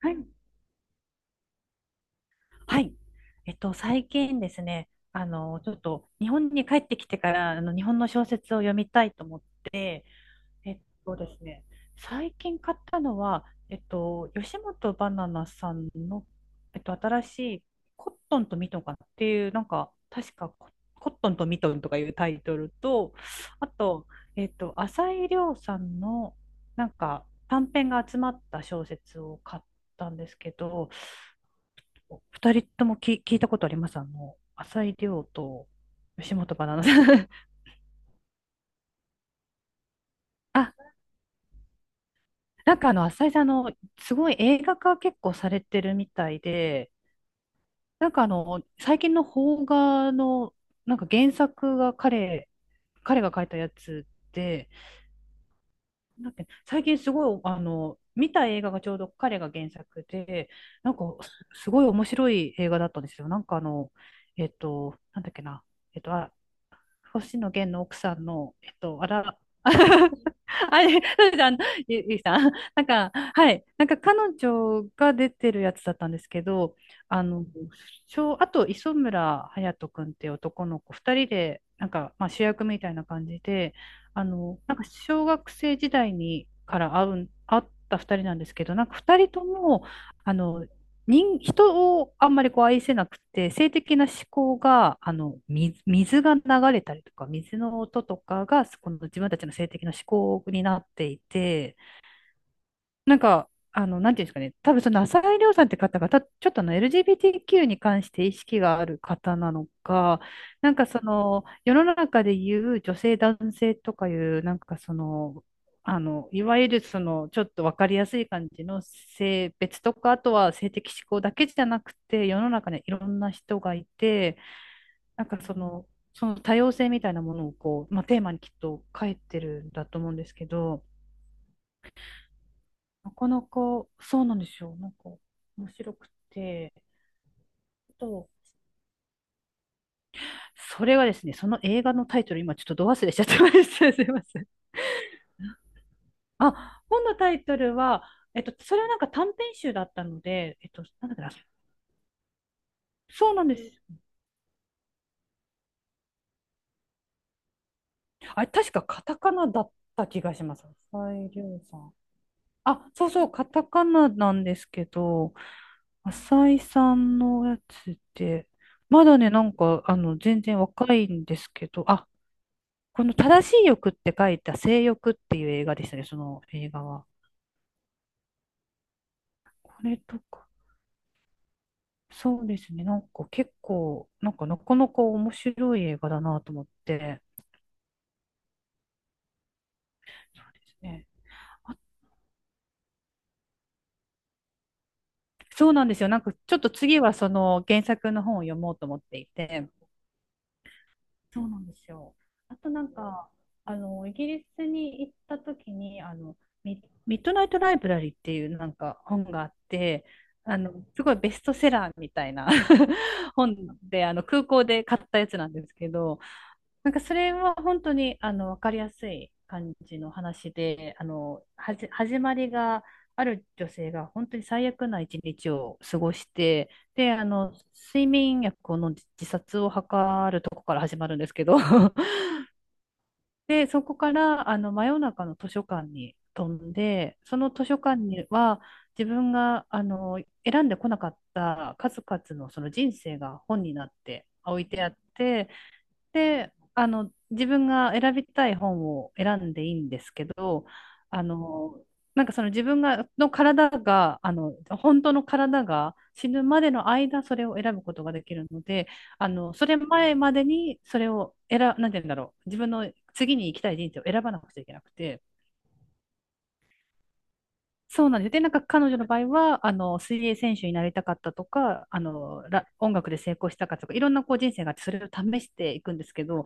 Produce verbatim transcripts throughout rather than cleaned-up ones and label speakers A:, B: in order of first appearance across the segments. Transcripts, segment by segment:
A: はい。はい。えっと、最近ですね、あの、ちょっと日本に帰ってきてから、あの、日本の小説を読みたいと思って、えっとですね、最近買ったのは、えっと、吉本ばななさんの、えっと、新しいコットンとミトンかなっていう、なんか、確かコ、コットンとミトンとかいうタイトルと、あと、えっと、浅井亮さんの、なんか、短編が集まった小説を買ったんですけど、二人ともき聞いたことあります？あの、浅井亮と吉本ばななさん。あ、なんかあの、浅井さん、あの、すごい映画化結構されてるみたいで、なんかあの、最近の邦画の、なんか原作が彼、彼が書いたやつで、なんだっけ最近すごい、あの、見た映画がちょうど彼が原作で、なんかすすごい面白い映画だったんですよ。なんかあの、えっと、なんだっけな、えっと、あ、星野源の奥さんの、えっと、あら、あれ、そうですあのゆ、ゆいさん。なんか、はい。なんか彼女が出てるやつだったんですけど、あの、小あと磯村勇斗くんっていう男の子、二人で、なんか、まあ、主役みたいな感じで、あの、なんか小学生時代にから会う会った二人なんですけど、なんか二人とも、あの、人、人をあんまりこう愛せなくて、性的な思考が、あの、水、水が流れたりとか、水の音とかが、この自分たちの性的な思考になっていて、なんか、あの、なんていうんですかね、多分その浅井亮さんって方が、た、ちょっとあの エルジービーティーキュー に関して意識がある方なのか、なんかその、世の中で言う女性男性とかいう、なんかその、あの、いわゆるその、ちょっとわかりやすい感じの性別とか、あとは性的指向だけじゃなくて、世の中にいろんな人がいて、なんかその、その多様性みたいなものをこう、まあ、テーマにきっと書いてるんだと思うんですけど、なかなか、そうなんですよ。なんか、面白くて。あと、それはですね、その映画のタイトル、今ちょっとど忘れしちゃってました。すいません。あ、本のタイトルは、えっと、それはなんか短編集だったので、えっと、なんだっけな、そうなんです。あれ、確かカタカナだった気がします。浅井亮さん。あ、そうそう、カタカナなんですけど、浅井さんのやつって、まだね、なんか、あの、全然若いんですけど、あ、この正しい欲って書いた性欲っていう映画でしたね、その映画は。これとか、そうですね、なんか結構、なんかなかなか面白い映画だなと思って。そうですね。あ、そうなんですよ。なんかちょっと次はその原作の本を読もうと思っていて、そうなんですよ。あとなんか、あの、イギリスに行った時に、あの、ミ、ミッドナイトライブラリーっていうなんか本があって、あの、すごいベストセラーみたいな 本で、あの、空港で買ったやつなんですけど、なんかそれは本当にあの分かりやすい感じの話で、あのはじ始まりがある女性が本当に最悪ないちにちを過ごして、で、あの睡眠薬を飲んで自殺を図るとこから始まるんですけど、で、そこからあの真夜中の図書館に飛んで、その図書館には自分があの選んでこなかった数々のその人生が本になって置いてあって、で、あの、自分が選びたい本を選んでいいんですけど、あの、なんかその自分が、の体が、あの、本当の体が死ぬまでの間、それを選ぶことができるので、あの、それ前までに、それを選、なんて言うんだろう、自分の次に行きたい人生を選ばなくちゃいけなくて、そうなんです。で、なんか彼女の場合は、あの、水泳選手になりたかったとか、あの、ら音楽で成功したかとか、いろんなこう人生があって、それを試していくんですけど、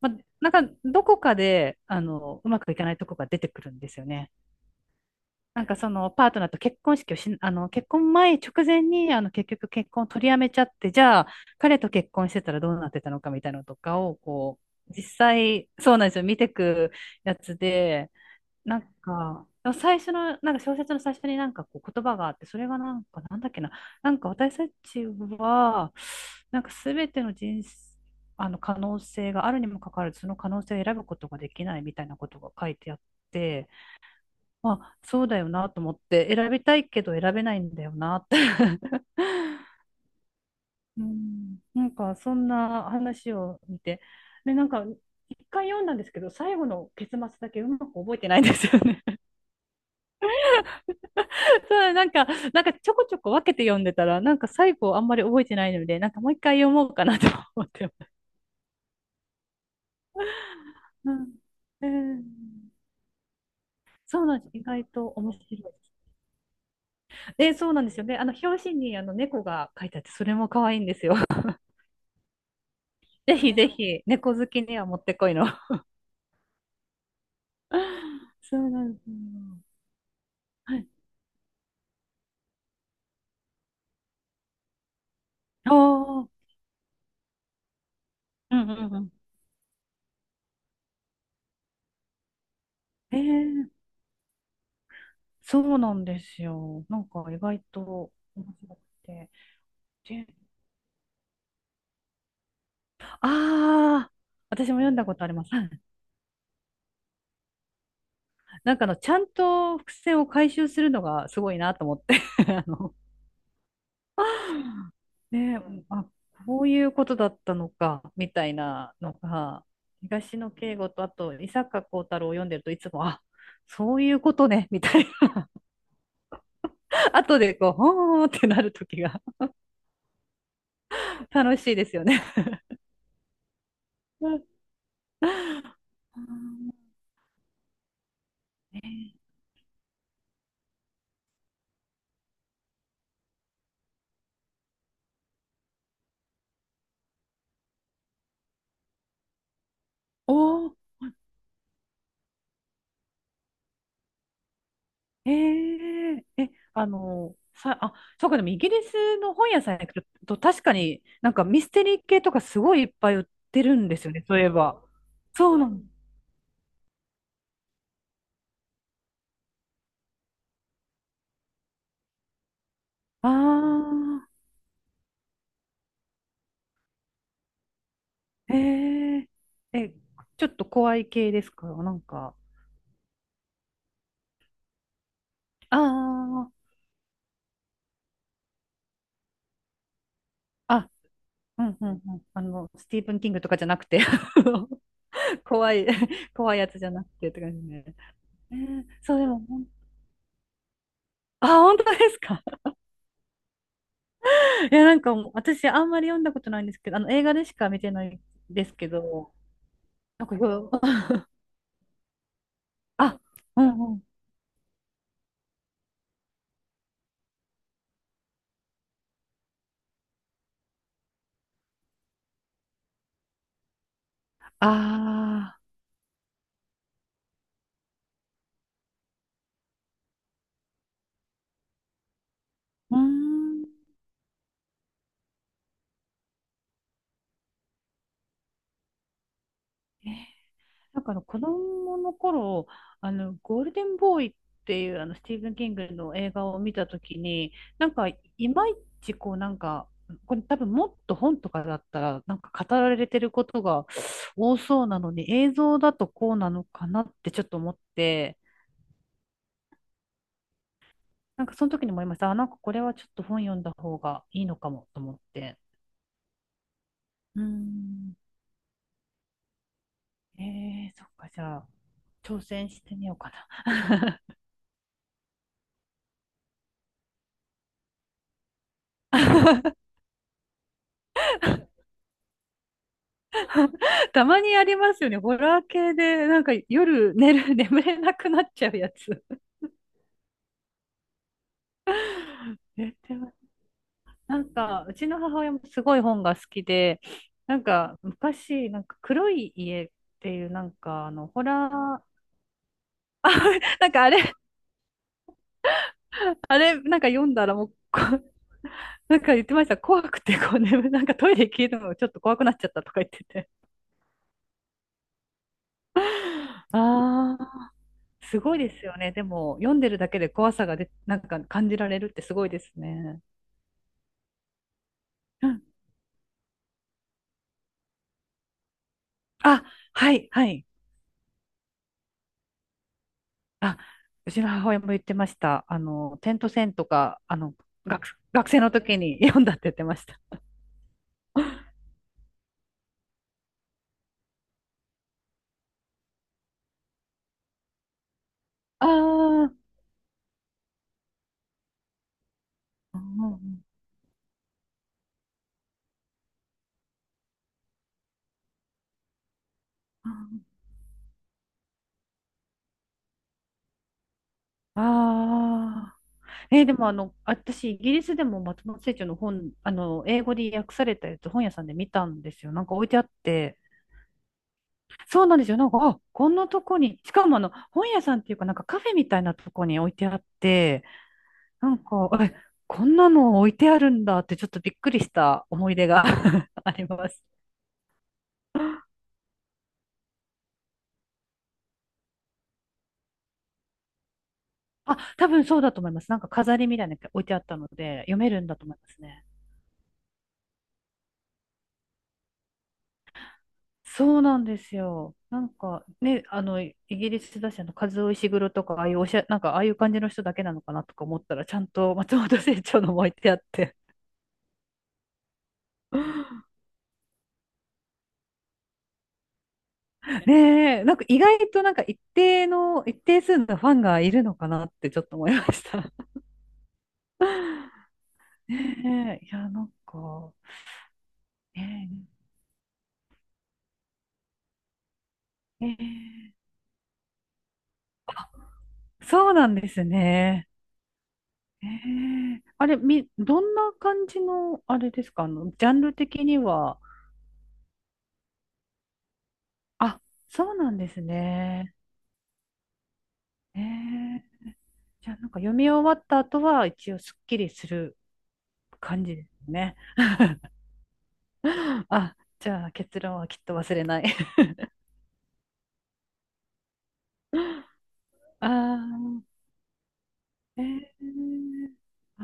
A: まあ、なんか、どこかで、あの、うまくいかないとこが出てくるんですよね。なんかそのパートナーと結婚式をし、あの、結婚前直前に、あの、結局結婚を取りやめちゃって、じゃあ、彼と結婚してたらどうなってたのかみたいなのとかを、こう、実際、そうなんですよ。見てくやつで、なんか、最初の、なんか小説の最初になんかこう言葉があって、それがなんか、なんだっけな、なんか私たちは、なんかすべての人生、あの可能性があるにもかかわらず、その可能性を選ぶことができないみたいなことが書いてあって、まあ、そうだよなと思って、選びたいけど選べないんだよなって うん、なんかそんな話を見て、で、なんか一回読んだんですけど、最後の結末だけうまく覚えてないんですよね。そう、なんか、なんかちょこちょこ分けて読んでたら、なんか最後あんまり覚えてないので、なんかもう一回読もうかなと思ってます。うん、えーそうなんです。意外と面白いです。で、そうなんですよね。あの、表紙にあの猫が書いてあって、それも可愛いんですよ。ぜひぜひ、猫好きにはもってこいの。そうなんですよ。はい。ああ、うんうんうん。えーそうなんですよ。なんか意外と面白くて。で、ああ、私も読んだことあります。なんかあの、ちゃんと伏線を回収するのがすごいなと思って あの、ねえ、あ、こういうことだったのか、みたいなのが、東野圭吾と、あと、伊坂幸太郎を読んでるといつも、あ、そういうことね、みたいな。後でこう、ほーってなるときが楽しいですよね。うん、ねえ、おー、えええ、あの、さ、あ、そうか、でもイギリスの本屋さんに行くと、確かになんかミステリー系とかすごいいっぱい売ってるんですよね、そういえば。そうなの。ああ、えええ、ちょっと怖い系ですか、なんか。ああ、あ、うんうんうん。あの、スティーブン・キングとかじゃなくて 怖い、怖いやつじゃなくてって感じね。えーそう、でも、ほんあ、本当ですか？いや、なんかもう私あんまり読んだことないんですけど、あの映画でしか見てないですけど、なんかよ あ、うんうん。ああ、うーん。えーなんかあの子供の頃、あの、ゴールデンボーイっていうあのスティーブン・キングの映画を見たときに、なんかいまいちこうなんか、これ多分もっと本とかだったらなんか語られてることが多そうなのに映像だとこうなのかなってちょっと思って、なんかその時に思いました。あ、なんかこれはちょっと本読んだ方がいいのかもと思って。うーん。えー、そっか、じゃあ、挑戦してみようかな。たまにありますよね。ホラー系で、なんか夜寝る、眠れなくなっちゃうやつ。えでもなんか、うちの母親もすごい本が好きで、なんか昔、なんか黒い家っていう、なんかあの、ホラー、なんかあれあれ、なんか読んだらもう、こ なんか言ってました。怖くて、こう眠、なんかトイレ消えるのがちょっと怖くなっちゃったとか言ってて。ああ、すごいですよね。でも、読んでるだけで怖さがで、なんか感じられるってすごいですね。うんあ、はい、はい。あ、うちの母親も言ってました。あの、点と線とか、あの、学、学生の時に読んだって言ってました。ああ、うんうんうんああ。えーでもあの、私、イギリスでも松本清張の本、あの、英語で訳されたやつ、本屋さんで見たんですよ。なんか置いてあって。そうなんですよ。なんか、あ、こんなとこに、しかもあの、本屋さんっていうか、なんかカフェみたいなとこに置いてあって、なんか、え、こんなの置いてあるんだって、ちょっとびっくりした思い出が あります。あ、多分そうだと思います。なんか飾りみたいなのが置いてあったので、読めるんだと思いますね。そうなんですよ。なんかね、あの、イギリスだし、あの、カズオイシグロとか、ああいうおしゃ、なんか、ああいう感じの人だけなのかなとか思ったら、ちゃんと松本清張のも置いてあって。ねえ、なんか意外となんか一定の、一定数のファンがいるのかなってちょっと思いました。ねえ、いや、なんか、ねえ、ねえそうなんですね。ねえあれ、み、どんな感じの、あれですか、あの、ジャンル的には、あ、そうなんですね。えー、じゃあなんか読み終わった後は一応すっきりする感じですね。あ、じゃあ結論はきっと忘れない。あー、えー、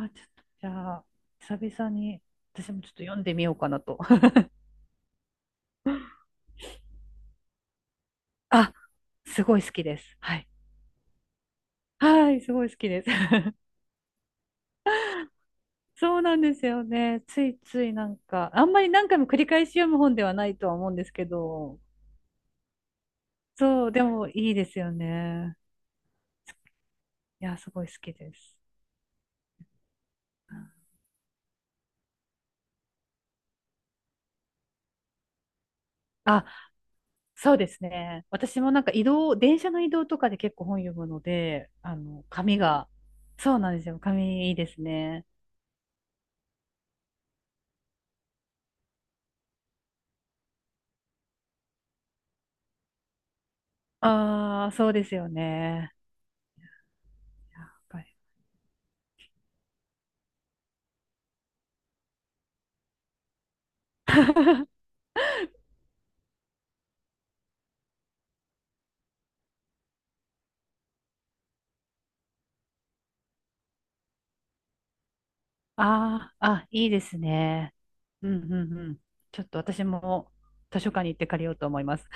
A: あ、ちょっとじゃあ久々に私もちょっと読んでみようかなと。あ、すごい好きです。はい。はい、すごい好きです。そうなんですよね。ついついなんか、あんまり何回も繰り返し読む本ではないとは思うんですけど、そう、でもいいですよね。いや、すごい好きです。あ、そうですね。私もなんか移動、電車の移動とかで結構本読むので、あの、紙が、そうなんですよ。紙いいですね。ああ、そうですよね。やっぱり ああ、あ、いいですね。うんうんうん。ちょっと私も図書館に行って借りようと思います。